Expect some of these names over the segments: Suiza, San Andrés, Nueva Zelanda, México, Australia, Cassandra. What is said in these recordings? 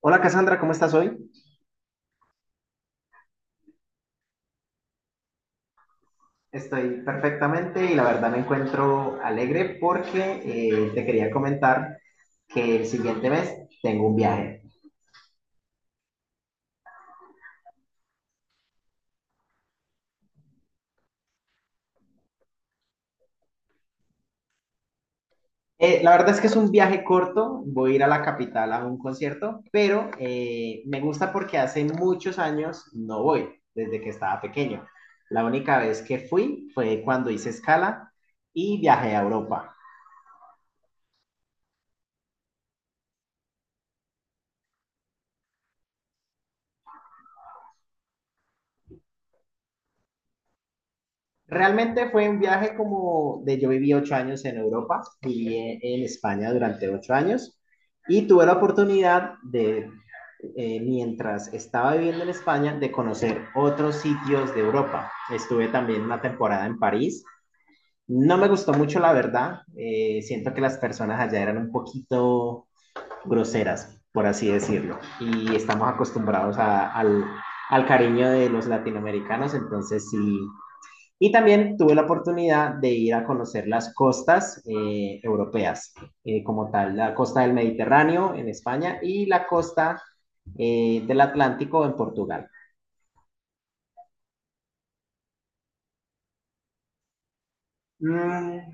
Hola Cassandra, ¿cómo estás hoy? Estoy perfectamente y la verdad me encuentro alegre porque te quería comentar que el siguiente mes tengo un viaje. La verdad es que es un viaje corto, voy a ir a la capital a un concierto, pero me gusta porque hace muchos años no voy, desde que estaba pequeño. La única vez que fui fue cuando hice escala y viajé a Europa. Realmente fue un viaje como de yo viví 8 años en Europa, viví en España durante 8 años y tuve la oportunidad de, mientras estaba viviendo en España, de conocer otros sitios de Europa. Estuve también una temporada en París. No me gustó mucho, la verdad. Siento que las personas allá eran un poquito groseras, por así decirlo, y estamos acostumbrados al, al cariño de los latinoamericanos, entonces sí y también tuve la oportunidad de ir a conocer las costas europeas, como tal, la costa del Mediterráneo en España y la costa del Atlántico en Portugal. Mm,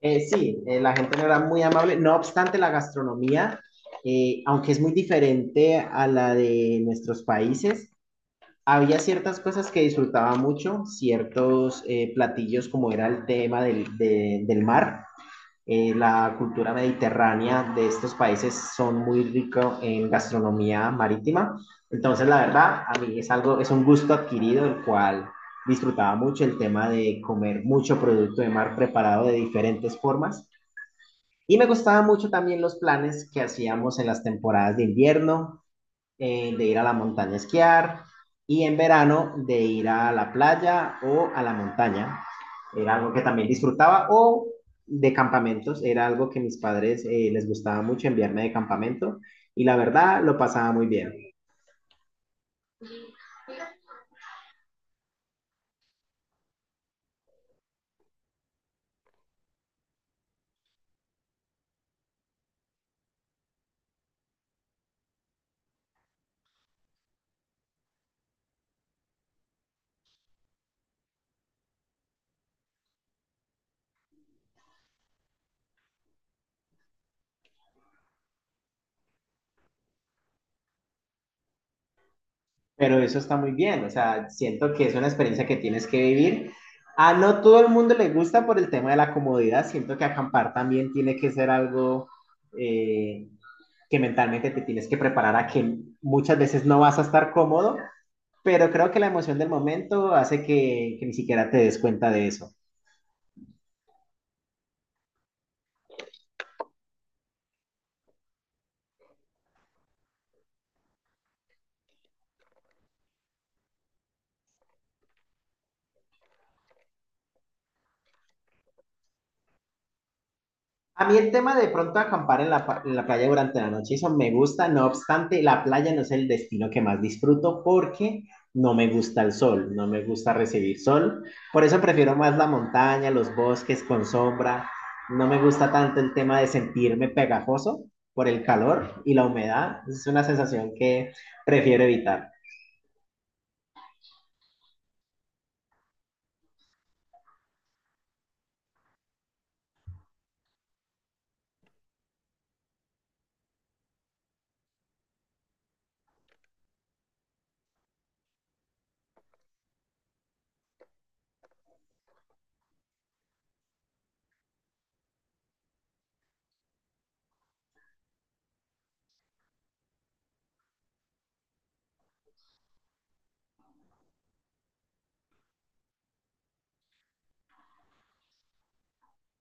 sí, la gente no era muy amable, no obstante la gastronomía, aunque es muy diferente a la de nuestros países, había ciertas cosas que disfrutaba mucho, ciertos platillos como era el tema del mar. La cultura mediterránea de estos países son muy ricos en gastronomía marítima. Entonces, la verdad, a mí es algo, es un gusto adquirido, el cual disfrutaba mucho el tema de comer mucho producto de mar preparado de diferentes formas. Y me gustaban mucho también los planes que hacíamos en las temporadas de invierno, de ir a la montaña a esquiar y en verano de ir a la playa o a la montaña. Era algo que también disfrutaba o de campamentos, era algo que mis padres les gustaba mucho enviarme de campamento y la verdad lo pasaba muy bien. Pero eso está muy bien, o sea, siento que es una experiencia que tienes que vivir. A no todo el mundo le gusta por el tema de la comodidad, siento que acampar también tiene que ser algo eh, que mentalmente te tienes que preparar a que muchas veces no vas a estar cómodo, pero creo que la emoción del momento hace que ni siquiera te des cuenta de eso. A mí el tema de pronto acampar en en la playa durante la noche, eso me gusta, no obstante, la playa no es el destino que más disfruto porque no me gusta el sol, no me gusta recibir sol. Por eso prefiero más la montaña, los bosques con sombra. No me gusta tanto el tema de sentirme pegajoso por el calor y la humedad. Es una sensación que prefiero evitar.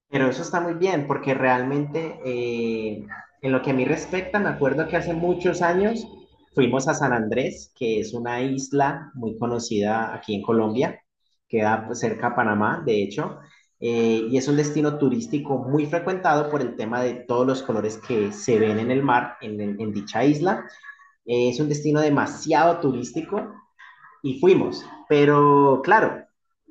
Pero eso está muy bien, porque realmente, en lo que a mí respecta, me acuerdo que hace muchos años fuimos a San Andrés, que es una isla muy conocida aquí en Colombia, queda pues, cerca a Panamá, de hecho, y es un destino turístico muy frecuentado por el tema de todos los colores que se ven en el mar, en dicha isla. Es un destino demasiado turístico y fuimos. Pero claro,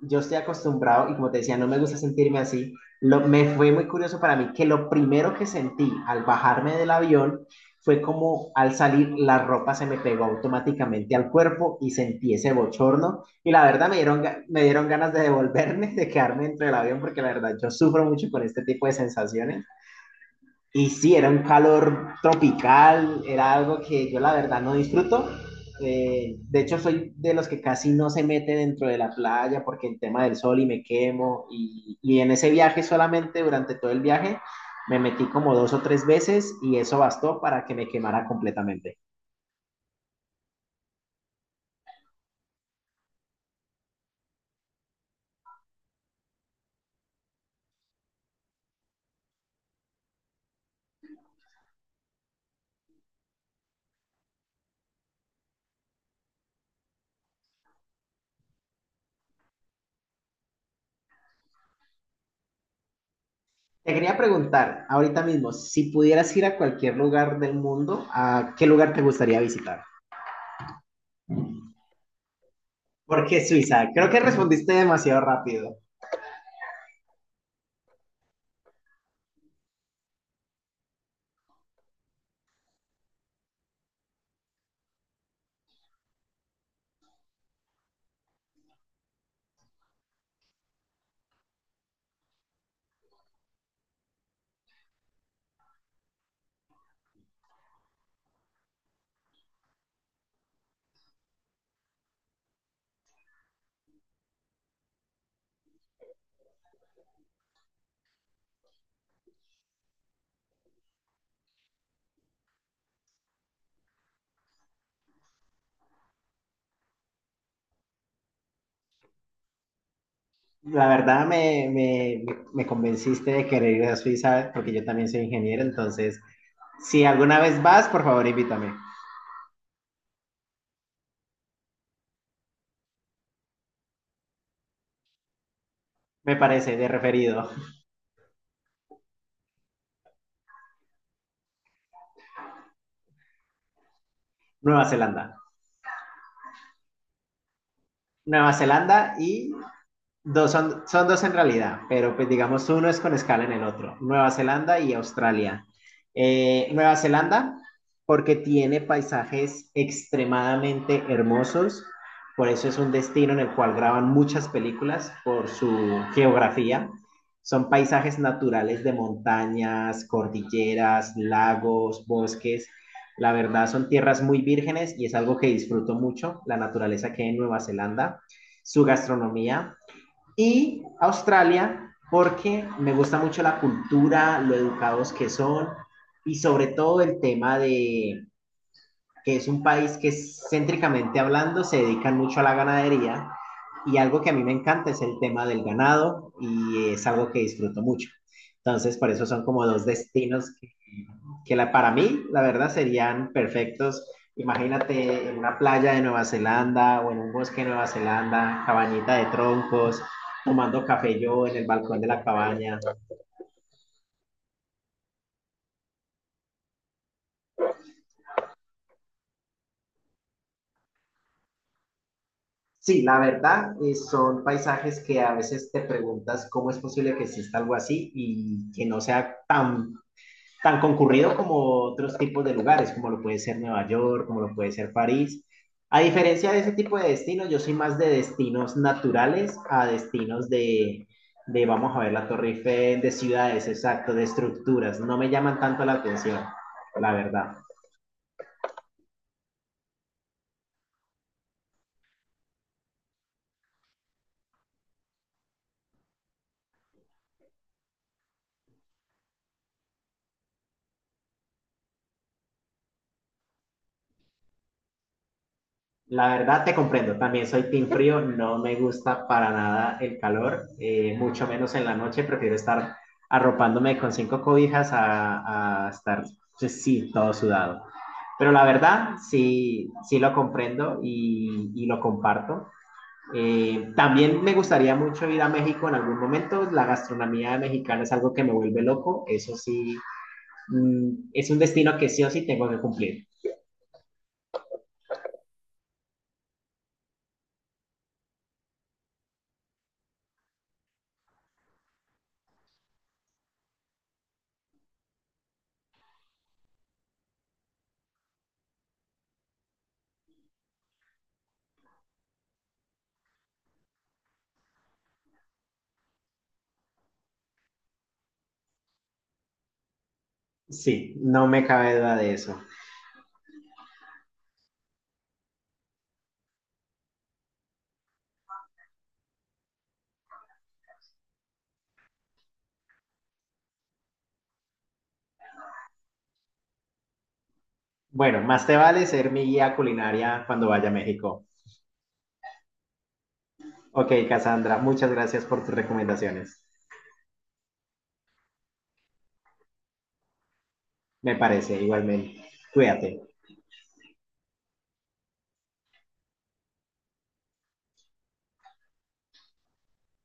yo estoy acostumbrado y como te decía, no me gusta sentirme así. Me fue muy curioso para mí que lo primero que sentí al bajarme del avión fue como al salir la ropa se me pegó automáticamente al cuerpo y sentí ese bochorno y la verdad me dieron, me dieron ganas de devolverme, de quedarme dentro del avión porque la verdad yo sufro mucho con este tipo de sensaciones y sí, era un calor tropical, era algo que yo la verdad no disfruto. De hecho, soy de los que casi no se mete dentro de la playa porque el tema del sol y me quemo. Y en ese viaje solamente, durante todo el viaje, me metí como dos o tres veces y eso bastó para que me quemara completamente. Te quería preguntar ahorita mismo, si pudieras ir a cualquier lugar del mundo, ¿a qué lugar te gustaría visitar? ¿Por qué Suiza? Creo que respondiste demasiado rápido. La verdad me convenciste de querer ir a Suiza porque yo también soy ingeniero, entonces si alguna vez vas, por favor invítame. Me parece de referido. Nueva Zelanda. Nueva Zelanda y dos son dos en realidad, pero pues digamos uno es con escala en el otro, Nueva Zelanda y Australia. Nueva Zelanda, porque tiene paisajes extremadamente hermosos, por eso es un destino en el cual graban muchas películas por su geografía. Son paisajes naturales de montañas, cordilleras, lagos, bosques. La verdad son tierras muy vírgenes y es algo que disfruto mucho, la naturaleza que hay en Nueva Zelanda, su gastronomía, y Australia porque me gusta mucho la cultura, lo educados que son y sobre todo el tema de, que es un país que céntricamente hablando se dedican mucho a la ganadería y algo que a mí me encanta es el tema del ganado y es algo que disfruto mucho. Entonces, por eso son como dos destinos que la, para mí, la verdad, serían perfectos. Imagínate en una playa de Nueva Zelanda o en un bosque de Nueva Zelanda, cabañita de troncos, tomando café yo en el balcón de la cabaña. Sí, la verdad, son paisajes que a veces te preguntas cómo es posible que exista algo así y que no sea tan concurrido como otros tipos de lugares, como lo puede ser Nueva York, como lo puede ser París. A diferencia de ese tipo de destinos, yo soy más de destinos naturales a destinos de vamos a ver, la Torre Eiffel, de ciudades, exacto, de estructuras. No me llaman tanto la atención, la verdad. La verdad te comprendo, también soy team frío, no me gusta para nada el calor, mucho menos en la noche, prefiero estar arropándome con cinco cobijas a estar, pues, sí, todo sudado. Pero la verdad, sí, sí lo comprendo y lo comparto. También me gustaría mucho ir a México en algún momento. La gastronomía mexicana es algo que me vuelve loco. Eso sí, es un destino que sí o sí tengo que cumplir. Sí, no me cabe duda de eso. Bueno, más te vale ser mi guía culinaria cuando vaya a México. Ok, Cassandra, muchas gracias por tus recomendaciones. Me parece, igualmente. Cuídate.